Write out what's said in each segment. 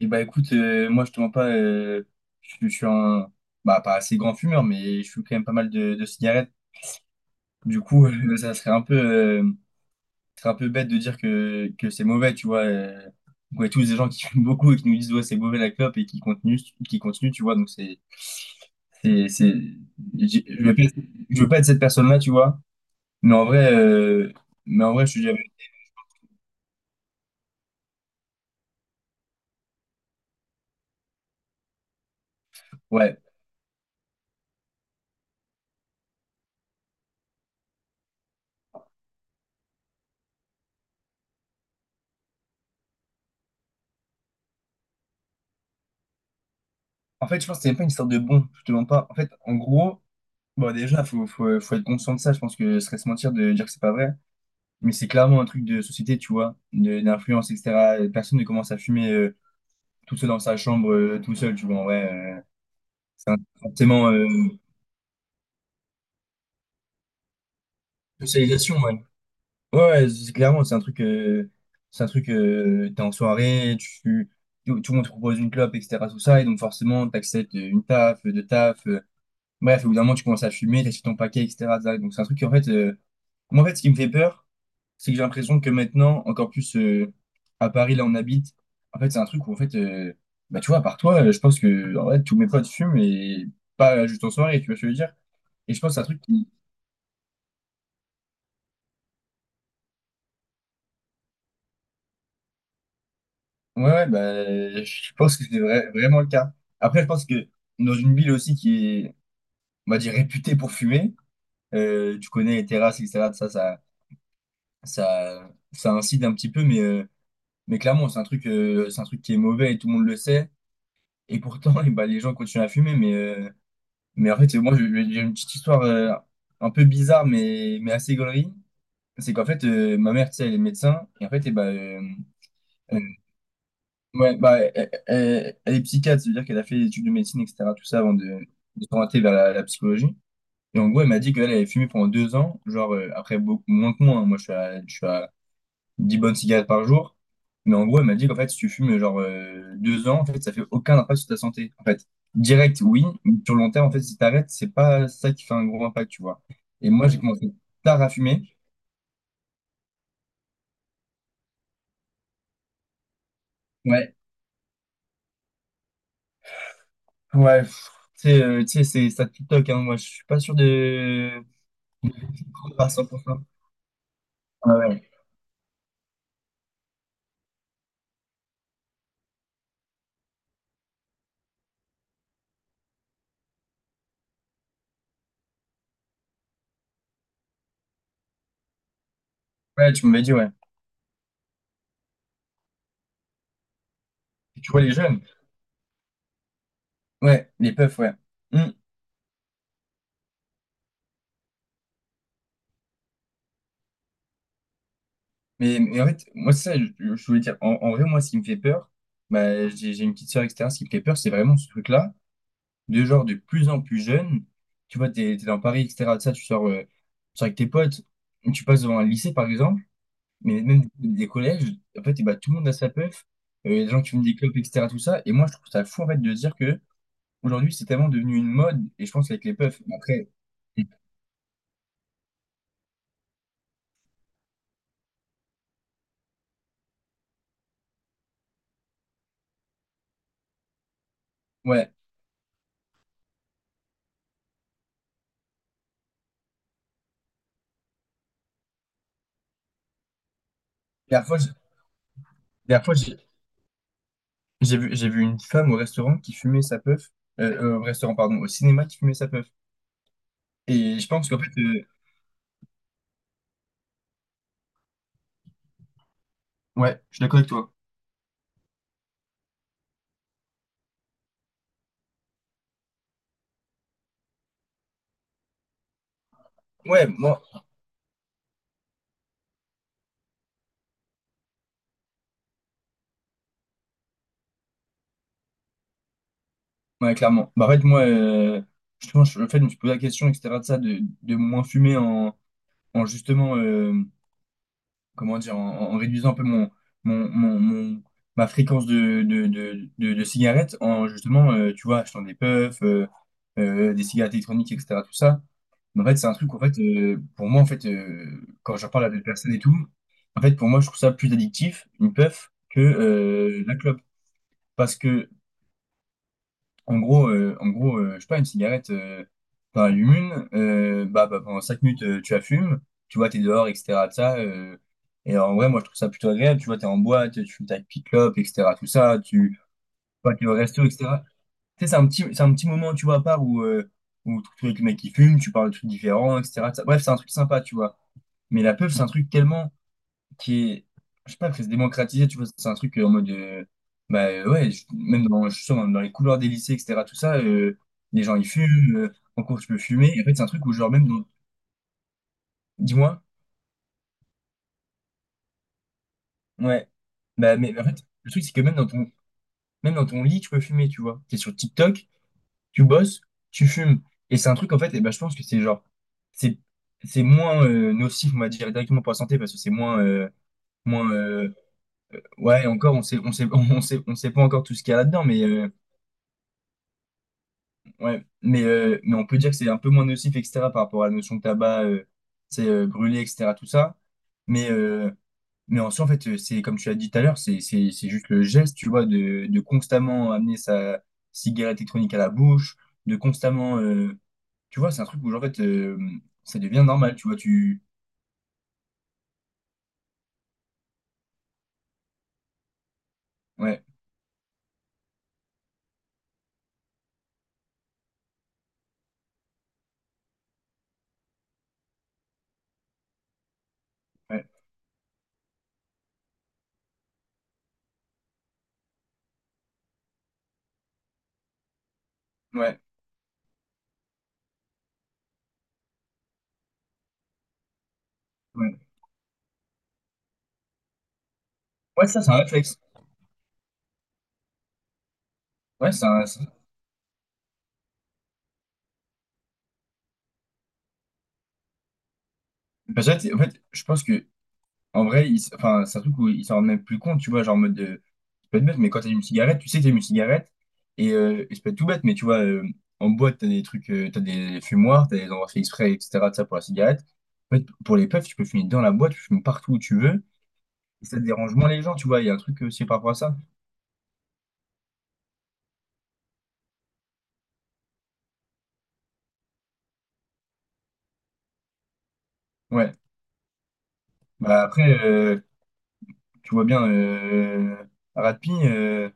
Et bah écoute, moi je te mens pas, je suis bah pas assez grand fumeur, mais je fume quand même pas mal de cigarettes. Du coup, ça serait un peu bête de dire que c'est mauvais, tu vois. On connaît tous des gens qui fument beaucoup et qui nous disent ouais c'est mauvais la clope et qui continuent, tu vois. Donc c'est, c'est, j'ai- je veux pas, je veux pas être cette personne-là, tu vois. Mais en vrai, euh, mais en vrai, je suis jamais. Ouais. En fait, je pense que c'est même pas une sorte de bon, je te mens pas. En fait, en gros. Bon, déjà, faut être conscient de ça. Je pense que ce serait se mentir de dire que c'est pas vrai. Mais c'est clairement un truc de société, tu vois, d'influence, etc. Personne ne commence à fumer tout seul dans sa chambre, tout seul, tu vois, en vrai. Euh, Forcément, socialisation, ouais. Ouais, ouais, c'est clairement, c'est un truc, t'es en soirée, tout le monde te propose une clope, etc. Tout ça, et donc forcément, t'acceptes une taf, deux taf. Bref, au bout d'un moment, tu commences à fumer, t'achètes ton paquet, etc. Donc c'est un truc, en fait. Moi, en fait, ce qui me fait peur, c'est que j'ai l'impression que maintenant, encore plus à Paris, là, on habite. En fait, c'est un truc où, en fait, bah, tu vois, à part toi, je pense que en vrai, tous mes potes fument et pas juste en soirée, tu vois ce que je veux dire? Et je pense que c'est un truc qui. Ouais, ouais, bah, je pense que c'est vraiment le cas. Après, je pense que dans une ville aussi qui est, on va dire, réputée pour fumer, tu connais les terrasses, etc. Ça incite un petit peu, mais clairement, c'est un truc qui est mauvais et tout le monde le sait. Et pourtant, et ben, les gens continuent à fumer, mais en fait, moi, j'ai une petite histoire un peu bizarre, mais assez gaulerie. C'est qu'en fait, ma mère, tu sais, elle est médecin, et en fait, et ben, euh, ouais, bah, elle est psychiatre, c'est-à-dire qu'elle a fait des études de médecine, etc., tout ça, avant de s'orienter vers la psychologie. Et en gros, elle m'a dit qu'elle elle avait fumé pendant 2 ans, genre, après, beaucoup moins que moi, hein. Moi, je suis à, 10 bonnes cigarettes par jour. Mais en gros, elle m'a dit qu'en fait, si tu fumes genre 2 ans, en fait, ça fait aucun impact sur ta santé. En fait, direct, oui, mais sur le long terme, en fait, si t'arrêtes, c'est pas ça qui fait un gros impact, tu vois. Et moi, j'ai, ouais, commencé tard à fumer. Ouais. Ouais, pff, tu sais, c'est ça TikTok, hein. Moi, je suis pas sûr de à 100%. Ouais, ouais. Ouais, tu m'avais dit, ouais. Tu vois les jeunes? Ouais, les puffs, ouais. Hmm. Mais en fait, moi, c'est ça, je voulais dire, en vrai, moi, ce qui me fait peur, bah, j'ai une petite soeur, etc. Ce qui me fait peur, c'est vraiment ce truc-là, de genre de plus en plus jeunes. Tu vois, t'es dans Paris, etc., de ça, tu sors avec tes potes, tu passes devant un lycée, par exemple, mais même des collèges, en fait, et bah, tout le monde a sa puff, il gens qui fument des clopes, etc. tout ça. Et moi, je trouve ça fou, en fait, de se dire que aujourd'hui, c'est tellement devenu une mode, et je pense qu'avec les puffs, après, ouais, la dernière fois, dernière fois, j'ai j'ai vu une femme au restaurant qui fumait sa puff, au restaurant, pardon, au cinéma qui fumait sa puff. Et je pense qu'en fait, ouais, je suis d'accord avec toi. Ouais, moi. Ouais, clairement. Bah, en fait, moi, justement, le fait, je me suis posé la question, etc., de ça, de moins fumer en, justement, comment dire, en réduisant un peu mon, mon, mon- ma fréquence de cigarettes, en justement, tu vois, achetant des puffs, des cigarettes électroniques, etc., tout ça. Mais en fait, c'est un truc, en fait, pour moi, en fait, quand j'en parle à des personnes et tout, en fait, pour moi, je trouve ça plus addictif, une puff, que la clope. Parce que en gros je sais pas, une cigarette, t'en allumes une, bah, pendant 5 minutes, tu la fumes, tu vois, t'es dehors, etc. de ça, et en vrai, moi, je trouve ça plutôt agréable, tu vois, t'es en boîte, tu fumes ta petite clope, etc. Tout ça, tu vois, t'es au resto, etc. Tu sais, c'est un petit moment, tu vois, à part où, où tu es avec le mec qui fume, tu parles de trucs différents, etc. tout ça. Bref, c'est un truc sympa, tu vois. Mais la pub, c'est un truc tellement qui est, je sais pas, que c'est démocratisé, tu vois, c'est un truc en mode, bah ouais, je suis sûr, même dans les couloirs des lycées, etc., tout ça, les gens ils fument, en cours tu peux fumer, et en fait c'est un truc où genre dis-moi, ouais, bah mais en fait, le truc c'est que même dans ton lit tu peux fumer, tu vois, t'es sur TikTok, tu bosses, tu fumes, et c'est un truc en fait, et bah je pense que c'est genre, c'est, c'est moins nocif, on va dire, directement pour la santé, parce que moins, ouais, encore, on sait pas encore tout ce qu'il y a là-dedans, mais. Ouais, mais on peut dire que c'est un peu moins nocif, etc., par rapport à la notion de tabac, c'est brûlé, etc., tout ça. Mais, euh, mais en soi, en fait, c'est comme tu as dit tout à l'heure, c'est juste le geste, tu vois, de constamment amener sa cigarette électronique à la bouche, de constamment. Tu vois, c'est un truc où, genre, en fait, ça devient normal, tu vois, tu. Ouais, ouais, ouais, ouais. Ouais, ça, c'est un réflexe. Ouais, c'est un. C'est- Parce que, en fait, je pense que, en vrai, enfin, c'est un truc où ils s'en rendent même plus compte, tu vois, genre, en mode. Peut être bête, mais quand t'allumes une cigarette, tu sais que t'allumes une cigarette. Et ça peut être tout bête, mais tu vois, en boîte, t'as des trucs, t'as des fumoirs, t'as des endroits faits exprès, etc. de ça pour la cigarette. En fait, pour les puffs, tu peux fumer dans la boîte, tu fumes partout où tu veux. Et ça te dérange moins les gens, tu vois. Il y a un truc aussi par rapport à ça. Ouais. Bah après, tu vois bien, Ratpi,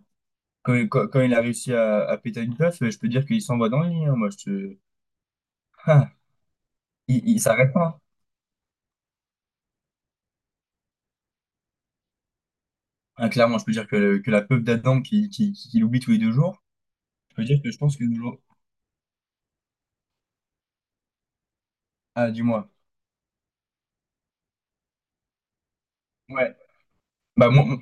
quand il a réussi à péter une puff, je peux dire qu'il s'envoie dans le lit, hein, moi, je te. Ah, il s'arrête pas. Ah, clairement, je peux dire que la puff d'Adam qui, l'oublie tous les 2 jours. Ça veut dire que je pense que nous... Ah, dis-moi. Ouais. Bah, moi, moi-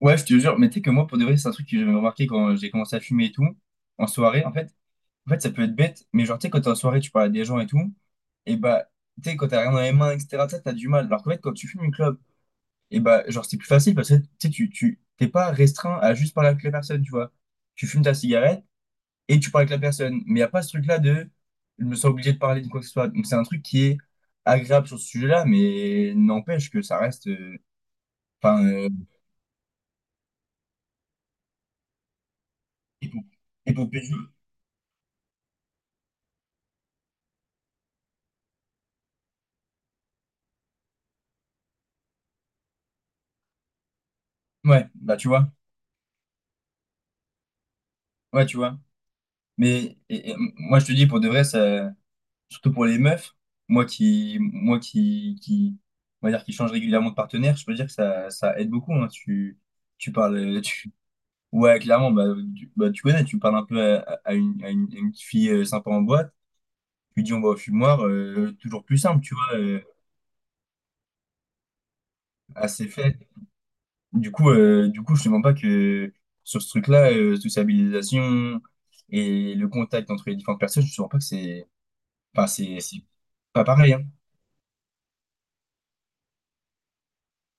ouais, je te jure, mais tu sais que moi, pour de vrai, c'est un truc que j'avais remarqué quand j'ai commencé à fumer et tout, en soirée, en fait. En fait, ça peut être bête, mais genre, tu sais, quand t'es en soirée, tu parles à des gens et tout, et bah, tu sais, quand t'as rien dans les mains, etc., tu sais, t'as du mal. Alors qu'en fait, quand tu fumes une clope, et bah, genre, c'est plus facile parce que, tu sais, t'es pas restreint à juste parler avec la personne, tu vois. Tu fumes ta cigarette et tu parles avec la personne. Mais y a pas ce truc-là de, je me sens obligé de parler de quoi que ce soit. Donc, c'est un truc qui est agréable sur ce sujet-là, mais n'empêche que ça reste. Enfin, épo- épopée ju- Ouais, bah tu vois. Ouais, tu vois. Mais et moi, je te dis, pour de vrai, ça, surtout pour les meufs, moi qui, on va dire, qui change régulièrement de partenaire, je peux dire que ça aide beaucoup, hein. Tu parles, euh, tu, ouais, clairement, bah, tu connais, tu parles un peu à une petite fille sympa en boîte, tu dis on va au fumoir, toujours plus simple, tu vois, à ses fesses. Du coup, je te mens pas que sur ce truc-là, toute sa mobilisation et le contact entre les différentes personnes, je te mens pas que c'est, enfin, c'est pas pareil, hein.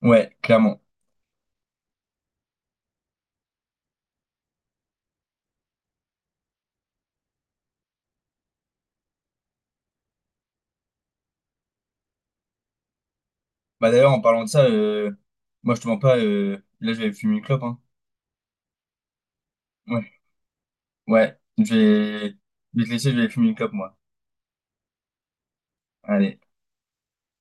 Ouais, clairement. Bah d'ailleurs, en parlant de ça, moi je te mens pas, là je vais aller fumer une clope, hein. Ouais, ouais, je vais te laisser, je vais aller fumer une clope, moi. Allez.